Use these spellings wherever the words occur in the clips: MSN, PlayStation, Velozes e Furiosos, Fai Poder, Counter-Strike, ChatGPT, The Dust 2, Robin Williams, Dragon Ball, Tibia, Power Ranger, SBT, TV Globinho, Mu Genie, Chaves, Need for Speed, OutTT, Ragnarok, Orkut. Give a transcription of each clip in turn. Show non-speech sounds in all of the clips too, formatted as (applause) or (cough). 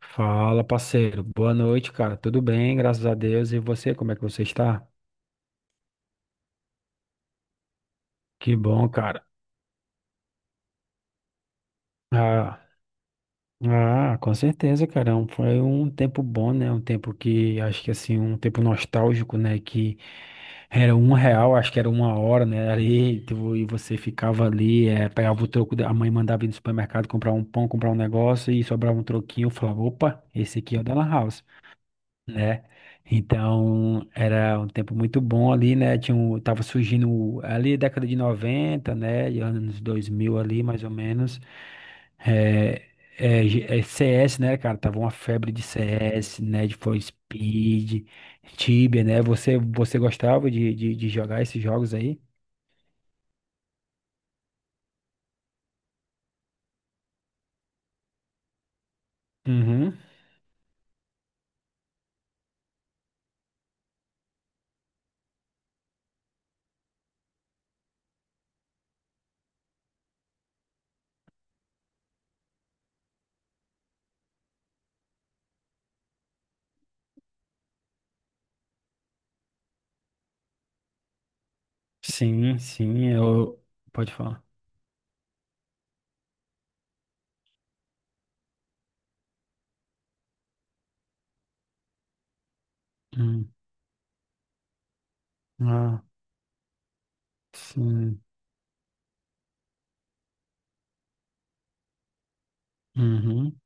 Fala, parceiro. Boa noite, cara. Tudo bem, graças a Deus. E você, como é que você está? Que bom, cara. Ah, ah, com certeza, cara. Foi um tempo bom, né? Um tempo que, acho que assim, um tempo nostálgico, né? Que era R$ 1, acho que era 1 hora, né? Ali, e você ficava ali, pegava o troco, a mãe mandava ir no supermercado comprar um pão, comprar um negócio e sobrava um troquinho. Eu falava, opa, esse aqui é o Della House, né? Então, era um tempo muito bom ali, né? Tinha um, tava surgindo ali década de 90, né? E anos 2000 ali, mais ou menos. É, é CS, né, cara? Tava uma febre de CS, né? De For Speed, Tibia, né? Você gostava de, de jogar esses jogos aí? Uhum. Sim, sim, eu... Pode falar. Hum. Ah, sim. Uhum.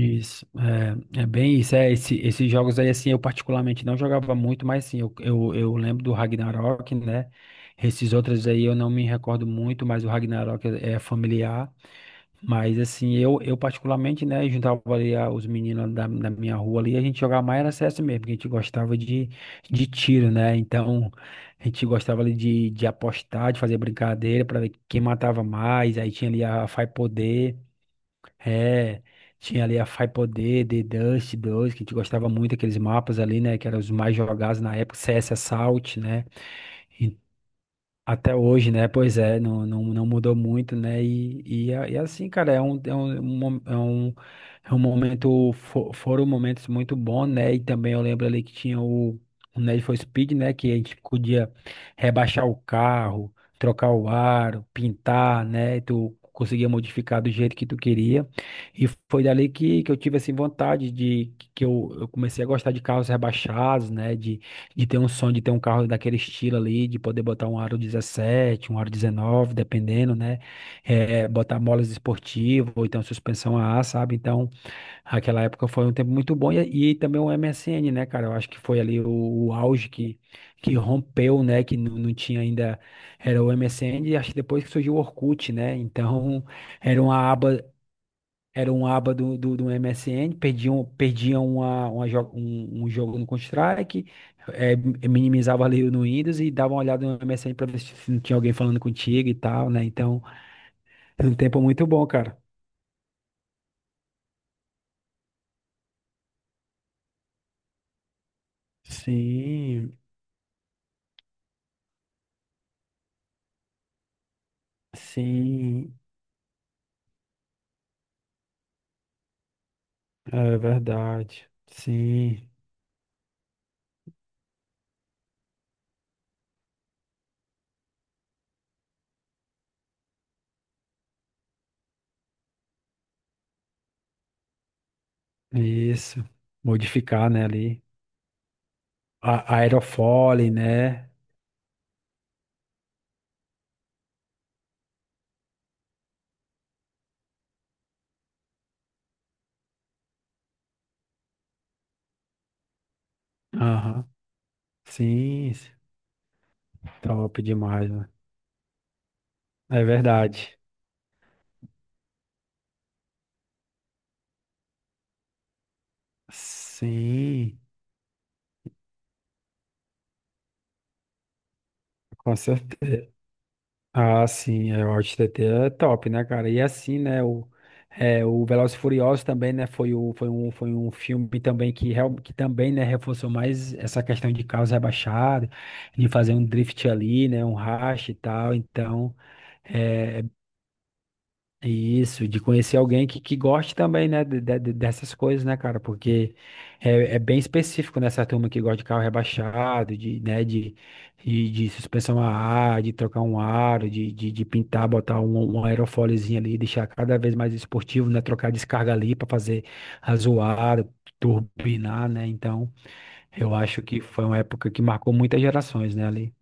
Isso, é bem isso, é, esses jogos aí, assim, eu particularmente não jogava muito, mas sim, eu lembro do Ragnarok, né, esses outros aí eu não me recordo muito, mas o Ragnarok é familiar, mas assim, eu particularmente, né, juntava ali os meninos da minha rua ali, a gente jogava mais era CS mesmo, porque a gente gostava de tiro, né, então a gente gostava ali de apostar, de fazer brincadeira para ver quem matava mais, aí tinha ali a Fai Poder, é, tinha ali a Fai-Poder, The Dust 2, que a gente gostava muito daqueles mapas ali, né? Que eram os mais jogados na época, CS Assault, né? Até hoje, né? Pois é, não, não, não mudou muito, né? E é assim, cara, é um, mo- é um momento, foram momentos muito bons, né? E também eu lembro ali que tinha o Need for Speed, né? Que a gente podia rebaixar o carro, trocar o aro, pintar, né? E tu conseguia modificar do jeito que tu queria. E foi dali que eu tive, assim, vontade de... Que eu comecei a gostar de carros rebaixados, né? De ter um sonho de ter um carro daquele estilo ali, de poder botar um aro 17, um aro 19, dependendo, né? Botar molas esportivas, ou então suspensão a ar, sabe? Então, aquela época foi um tempo muito bom. E também o MSN, né, cara? Eu acho que foi ali o auge que rompeu, né? Que não, não tinha ainda. Era o MSN, e acho que depois que surgiu o Orkut, né? Então, era uma aba era um aba do MSN, perdiam um jogo no Counter-Strike, eh, minimizava ali no Windows e dava uma olhada no MSN para ver se não tinha alguém falando contigo e tal, né? Então, era um tempo muito bom, cara. Sim, sim, é verdade. Sim. Isso. Modificar, né, ali. Aerofólio, né? Aham, sim, sim. Top demais, né? É verdade. Sim, com certeza. Ah, sim, o OutTT é top, né, cara? E assim, né, o Velozes e Furiosos também, né, foi um filme também que, real, que também, né, reforçou mais essa questão de carros rebaixados, de fazer um drift ali, né, um racha e tal, então, é, isso, de conhecer alguém que goste também, né, dessas coisas, né, cara, porque é bem específico nessa turma que gosta de carro rebaixado, de, né, de suspensão a ar, de trocar um aro, de pintar, botar um aerofóliozinho ali, deixar cada vez mais esportivo, né, trocar descarga ali para fazer azuar, turbinar, né, então eu acho que foi uma época que marcou muitas gerações, né, ali.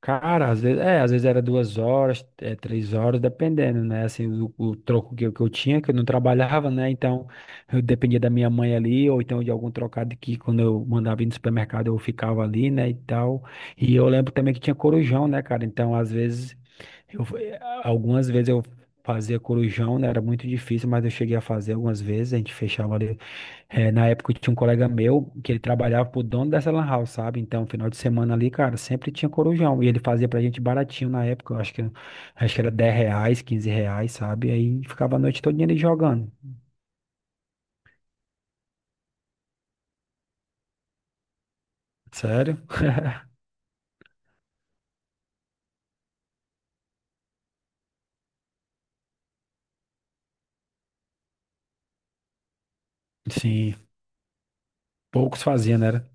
Cara, às vezes, às vezes era 2 horas, 3 horas, dependendo, né? Assim, o troco que eu tinha, que eu não trabalhava, né? Então, eu dependia da minha mãe ali, ou então de algum trocado que quando eu mandava ir no supermercado eu ficava ali, né? E tal. E eu lembro também que tinha corujão, né, cara? Então, às vezes, eu, eh, algumas vezes eu fazia corujão, né? Era muito difícil, mas eu cheguei a fazer algumas vezes. A gente fechava ali, na época eu tinha um colega meu que ele trabalhava pro dono dessa lan house, sabe? Então, final de semana ali, cara, sempre tinha corujão. E ele fazia pra gente baratinho na época, acho que era R$ 10, R$ 15, sabe? Aí ficava a noite toda ali jogando. Sério? (laughs) Sim, poucos faziam, né? Era?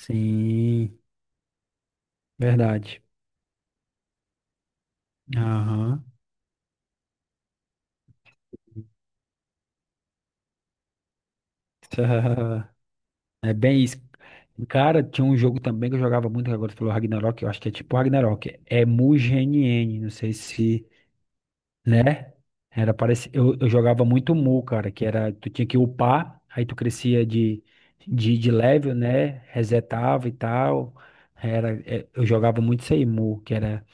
Sim, verdade. Aham. (laughs) É bem isso. Cara, tinha um jogo também que eu jogava muito, que agora tu falou Ragnarok, eu acho que é tipo Ragnarok. É Mugen, não sei se, né? Era parece eu jogava muito Mu, cara, que era tu tinha que upar, aí tu crescia de de level, né? Resetava e tal. Era eu jogava muito isso aí, Mu, que era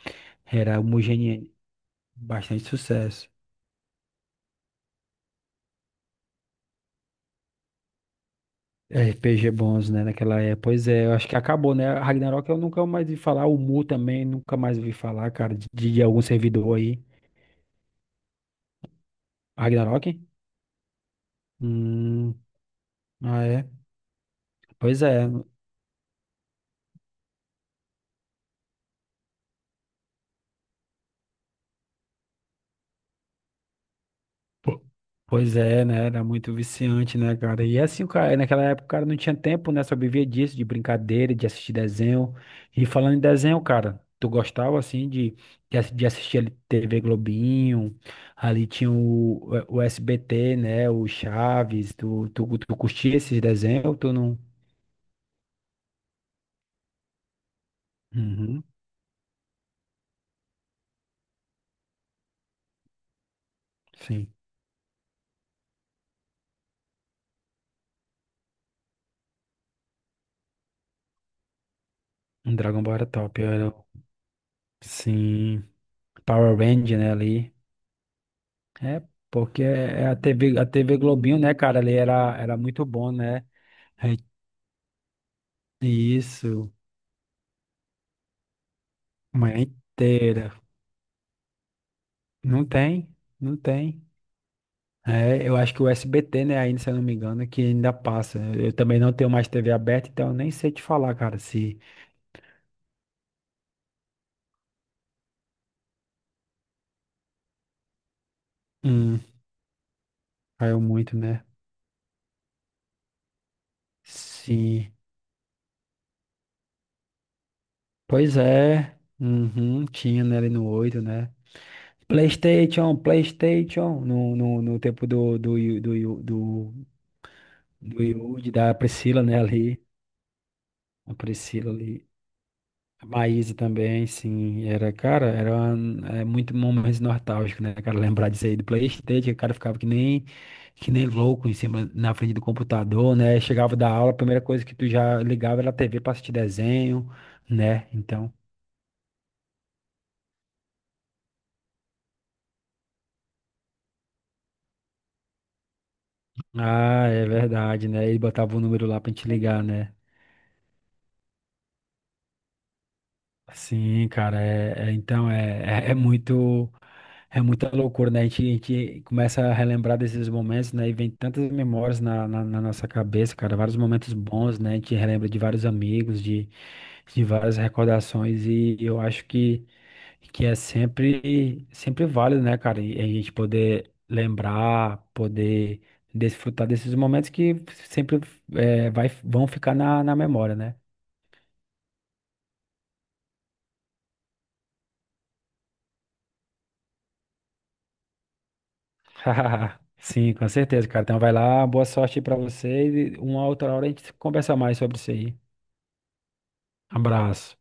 era o Mu Genie, bastante sucesso. RPG bons, né, naquela época. Pois é, eu acho que acabou, né? A Ragnarok eu nunca mais vi falar, o Mu também nunca mais vi falar, cara, de algum servidor aí. Ragnarok? Hum, ah é. Pois é. Po- Pois é, né? Era muito viciante, né, cara? E assim, o cara, naquela época o cara não tinha tempo, né? Só vivia disso, de brincadeira, de assistir desenho. E falando em desenho, cara, tu gostava, assim, de assistir ali TV Globinho, ali tinha o SBT, né? O Chaves, tu curtia esses desenhos ou tu não? Uhum, sim. Um Dragon Ball era top, era... Sim. Power Ranger, né, ali. É, porque é a TV Globinho, né, cara, ali era muito bom, né? É isso, manhã inteira. Não tem, não tem. É, eu acho que o SBT, né, ainda, se eu não me engano, que ainda passa. Eu também não tenho mais TV aberta, então eu nem sei te falar, cara, se hum, caiu muito, né? Sim. Pois é. Uhum, tinha, né, ali no 8, né? PlayStation, no tempo do Yud, da Priscila, né, ali, a Priscila ali, a Maísa também, sim, cara, é muito momento nostálgico, né, cara, lembrar disso aí do PlayStation, que o cara ficava que nem louco em cima, na frente do computador, né, chegava da aula, a primeira coisa que tu já ligava era a TV pra assistir desenho, né, então, ah, é verdade, né, ele botava o número lá pra gente ligar, né, Sim, cara, então é, é, é muito é muita loucura, né? A gente começa a relembrar desses momentos, né? E vem tantas memórias na nossa cabeça, cara, vários momentos bons, né? A gente relembra de vários amigos, de várias recordações, e eu acho que é sempre, sempre válido, né, cara? E a gente poder lembrar, poder desfrutar desses momentos que sempre vão ficar na memória, né? (laughs) Sim, com certeza, cara. Então vai lá, boa sorte aí pra vocês e uma outra hora a gente conversa mais sobre isso aí. Abraço.